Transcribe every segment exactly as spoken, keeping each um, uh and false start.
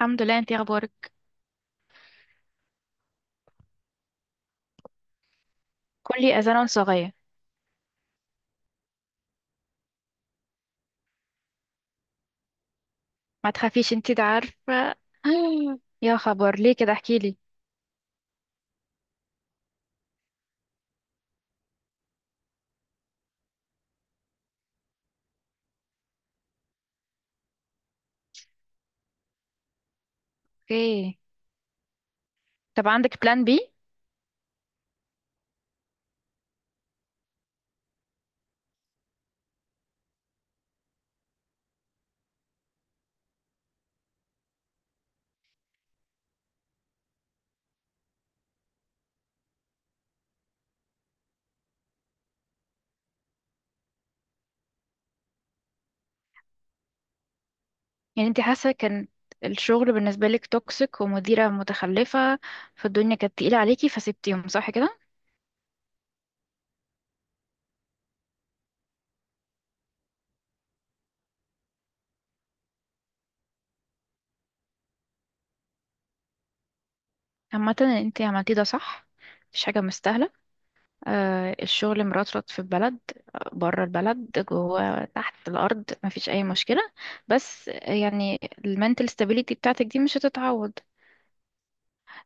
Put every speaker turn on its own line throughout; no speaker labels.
الحمد لله، انتي اخبارك؟ كلي اذان صغير. ما تخافيش، انتي ده عارفه. يا خبر، ليه كده؟ احكيلي. اوكي. طب عندك بلان بي؟ يعني انتي حاسه كان الشغل بالنسبه لك توكسيك ومديره متخلفه، فالدنيا كانت تقيله عليكي فسبتيهم، صح كده؟ عامه انتي عملتيه، ده صح. مفيش حاجه مستاهله. آه، الشغل مرطرط في البلد، بره البلد، جوه، تحت الارض، مفيش اي مشكله. بس يعني المنتل ستابيليتي بتاعتك دي مش هتتعوض.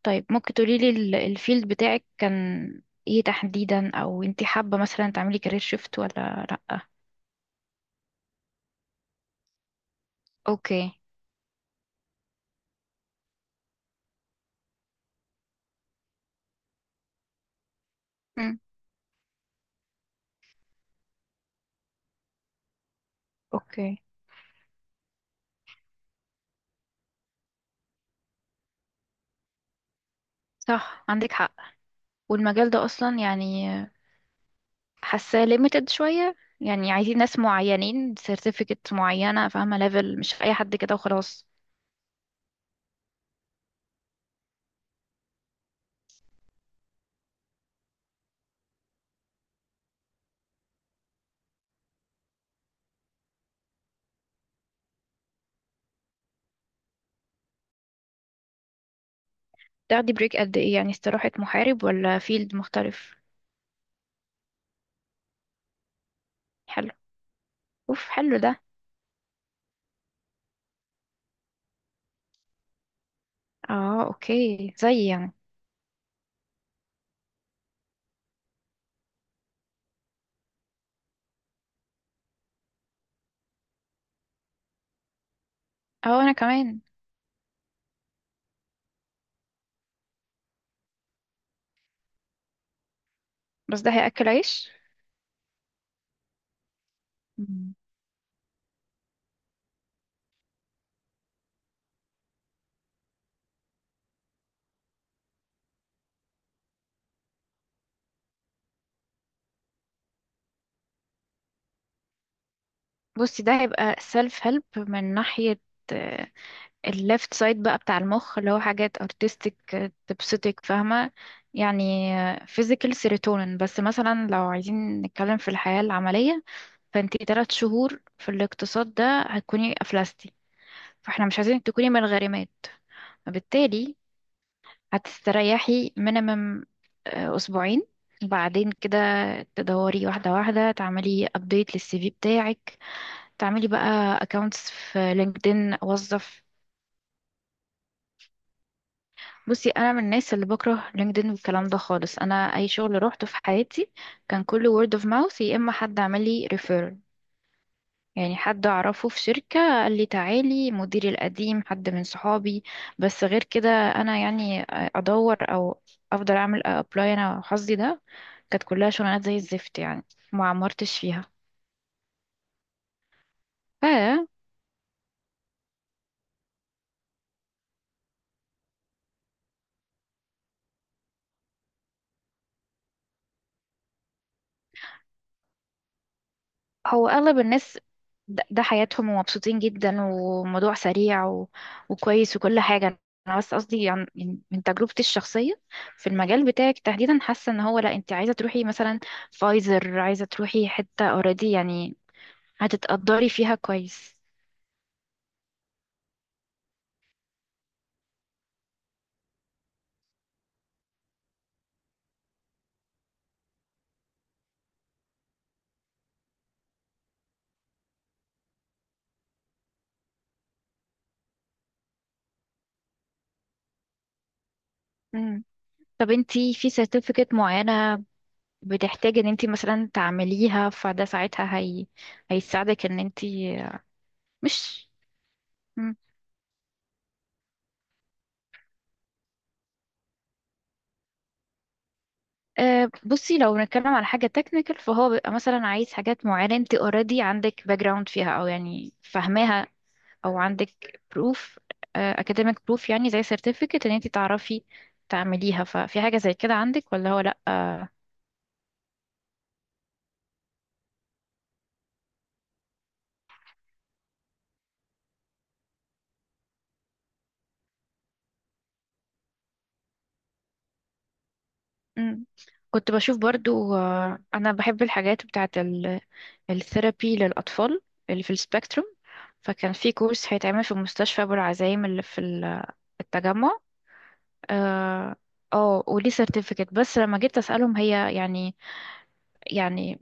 طيب، ممكن تقوليلي ال- الفيلد بتاعك كان ايه تحديدا؟ او انتي حابة مثلا تعملي كارير شيفت ولا لأ؟ اوكي. مم. اوكي. صح، عندك حق. والمجال ده اصلا يعني حاساه ليميتد شوية، يعني عايزين ناس معينين، سيرتيفيكت معينة، فاهمة، ليفل، مش اي حد كده وخلاص. تاخدي بريك قد ايه؟ يعني استراحة محارب ولا فيلد مختلف؟ حلو. اوف، حلو ده. اه اوكي، زي يعني. اه، انا كمان. بس ده هياكل عيش؟ بصي، ده هيبقى self help من ناحية الليفت سايد بقى بتاع المخ اللي هو حاجات artistic، آه، تبسطك، فاهمة؟ يعني آه، physical serotonin. بس مثلا لو عايزين نتكلم في الحياة العملية، فانتي تلات شهور في الاقتصاد ده هتكوني أفلستي، فاحنا مش عايزينك تكوني من الغارمات. فبالتالي هتستريحي minimum آه، أسبوعين، بعدين كده تدوري واحدة واحدة، تعملي update للسي في بتاعك، تعملي بقى اكونتس في لينكدين اوظف. بصي انا من الناس اللي بكره لينكدين والكلام ده خالص، انا اي شغل روحته في حياتي كان كله word of mouth، يا اما حد عمل لي referral، يعني حد اعرفه في شركة قال لي تعالي، مديري القديم حد من صحابي. بس غير كده انا يعني ادور او افضل اعمل ابلاي، انا حظي ده كانت كلها شغلانات زي الزفت يعني، ما عمرتش فيها. هو اغلب الناس ده, ده حياتهم ومبسوطين جدا وموضوع سريع و... وكويس وكل حاجة. انا بس قصدي عن يعني من تجربتي الشخصية في المجال بتاعك تحديدا، حاسة ان هو لا، انت عايزة تروحي مثلا فايزر، عايزة تروحي حتة اوريدي يعني هتتقدري فيها كويس. مم. طب انت في سيرتيفيكت معينة بتحتاجي ان انت مثلا تعمليها فده ساعتها هي... هيساعدك ان انت مش أه. بصي لو بنتكلم على حاجة تكنيكال فهو بيبقى مثلا عايز حاجات معينة انت اوريدي عندك باك جراوند فيها او يعني فاهماها، او عندك بروف اكاديميك بروف يعني زي سيرتيفيكت ان انت تعرفي تعمليها. ففي حاجة زي كده عندك ولا هو لا أه؟ مم. كنت بشوف برضو أه انا بحب الحاجات بتاعت الثيرابي للأطفال اللي في السبيكتروم، فكان في كورس هيتعمل في مستشفى أبو العزايم اللي في ال- التجمع. اه. آه، وليه سيرتيفيكت، بس لما جيت اسالهم هي يعني يعني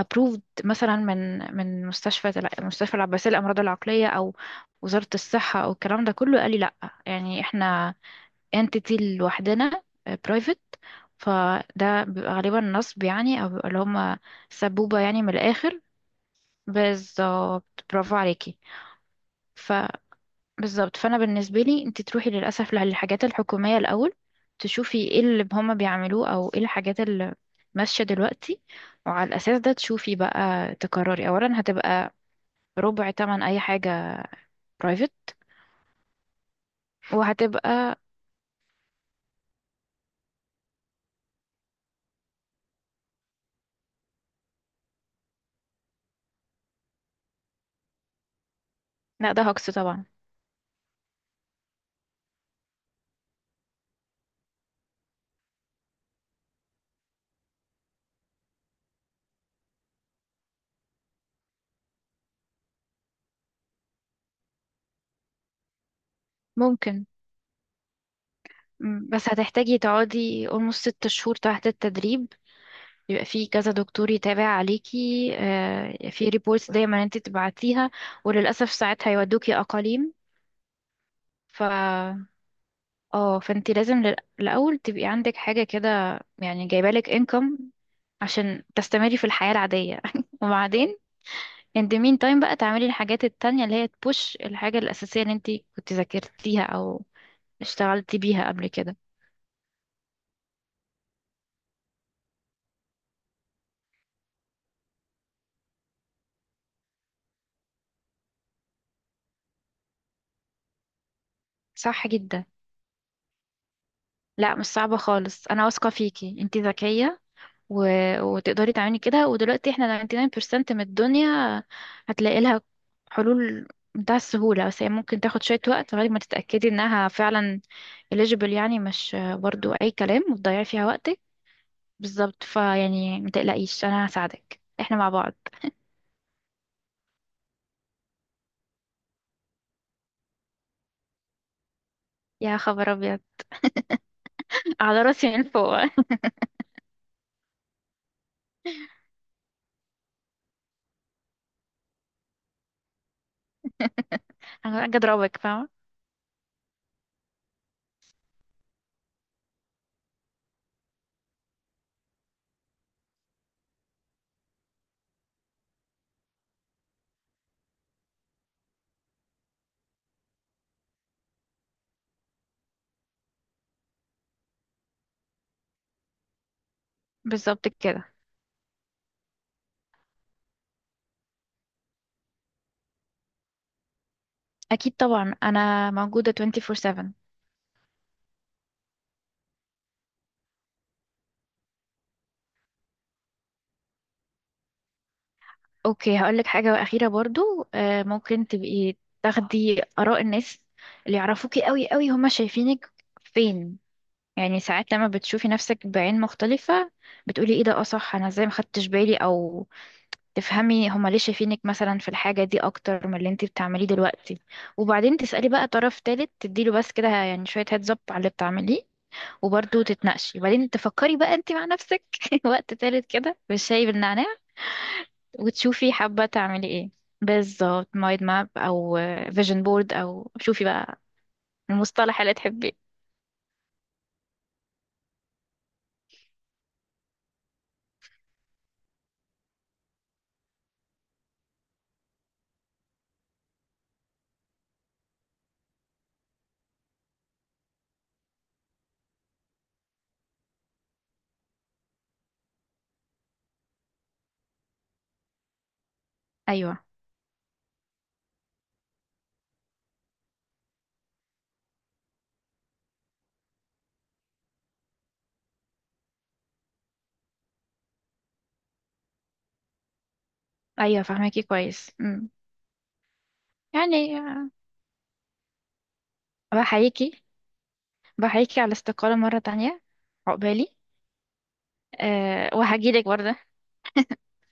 approved مثلا من من مستشفى الع- مستشفى العباسية للأمراض العقلية أو وزارة الصحة أو الكلام ده كله، قال لي لأ، يعني احنا entity لوحدنا آه، private. فده بيبقى غالبا نصب يعني، أو بيبقى اللي هما سبوبة يعني من الآخر. بالظبط، برافو عليكي. بالظبط، فانا بالنسبه لي انت تروحي للاسف للحاجات الحكوميه الاول، تشوفي ايه اللي هما بيعملوه او ايه الحاجات اللي ماشيه دلوقتي، وعلى الاساس ده تشوفي بقى تقرري اولا. هتبقى ربع تمن اي حاجه برايفت وهتبقى... لا، ده هوكس طبعا. ممكن. مم، بس هتحتاجي تقعدي almost ست شهور تحت التدريب، يبقى في كذا دكتور يتابع عليكي آه، في ريبورتس دايما انت تبعتيها، وللاسف ساعات هيودوكي اقاليم. ف اه فانت لازم لل- الاول تبقي عندك حاجه كده يعني جايبالك انكم عشان تستمري في الحياه العاديه. وبعدين انت مين تايم بقى تعملي الحاجات التانية اللي هي تبوش الحاجه الاساسيه اللي انت كنت ذاكرتيها او اشتغلتي بيها قبل كده. صح جدا. لا مش صعبه خالص، انا واثقه فيكي، انت ذكيه و... وتقدري تعملي كده. ودلوقتي احنا تسعة وتسعين بالمية من الدنيا هتلاقي لها حلول، بتاع السهولة. بس هي ممكن تاخد شوية وقت لغاية ما تتأكدي انها فعلا eligible، يعني مش برضو اي كلام وتضيعي فيها وقتك. بالظبط، فيعني ما تقلقيش، انا هساعدك، احنا مع بعض. يا خبر ابيض. على راسي من فوق. انا اجي اضربك، فاهمة؟ بالظبط كده. اكيد طبعا، انا موجودة أربعة وعشرين سبعة. اوكي، هقولك حاجة أخيرة برضو آه، ممكن تبقي تاخدي آراء الناس اللي يعرفوكي قوي قوي، هما شايفينك فين. يعني ساعات لما بتشوفي نفسك بعين مختلفة بتقولي ايه ده، اه صح، انا ازاي ما خدتش بالي، او تفهمي هما ليه شايفينك مثلا في الحاجة دي اكتر من اللي انتي بتعمليه دلوقتي. وبعدين تسألي بقى طرف تالت تديله بس كده يعني شوية هيدز اب على اللي بتعمليه وبرضه تتناقشي. وبعدين تفكري بقى انتي مع نفسك وقت تالت كده بالشاي بالنعناع، وتشوفي حابة تعملي ايه. بالظبط، مايند ماب او فيجن بورد، او شوفي بقى المصطلح اللي تحبيه. ايوه، ايوه فهماكي كويس. مم. يعني آه، بحييكي، بحييكي على الاستقالة مرة تانية. عقبالي. أه، وهجيلك برضه.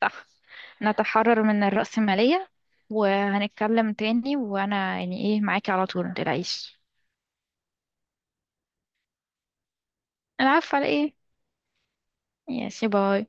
صح، نتحرر من الرأسمالية. وهنتكلم تاني، وانا يعني ايه، معاكي على طول، متقلقيش. العفو على ايه. يا باي.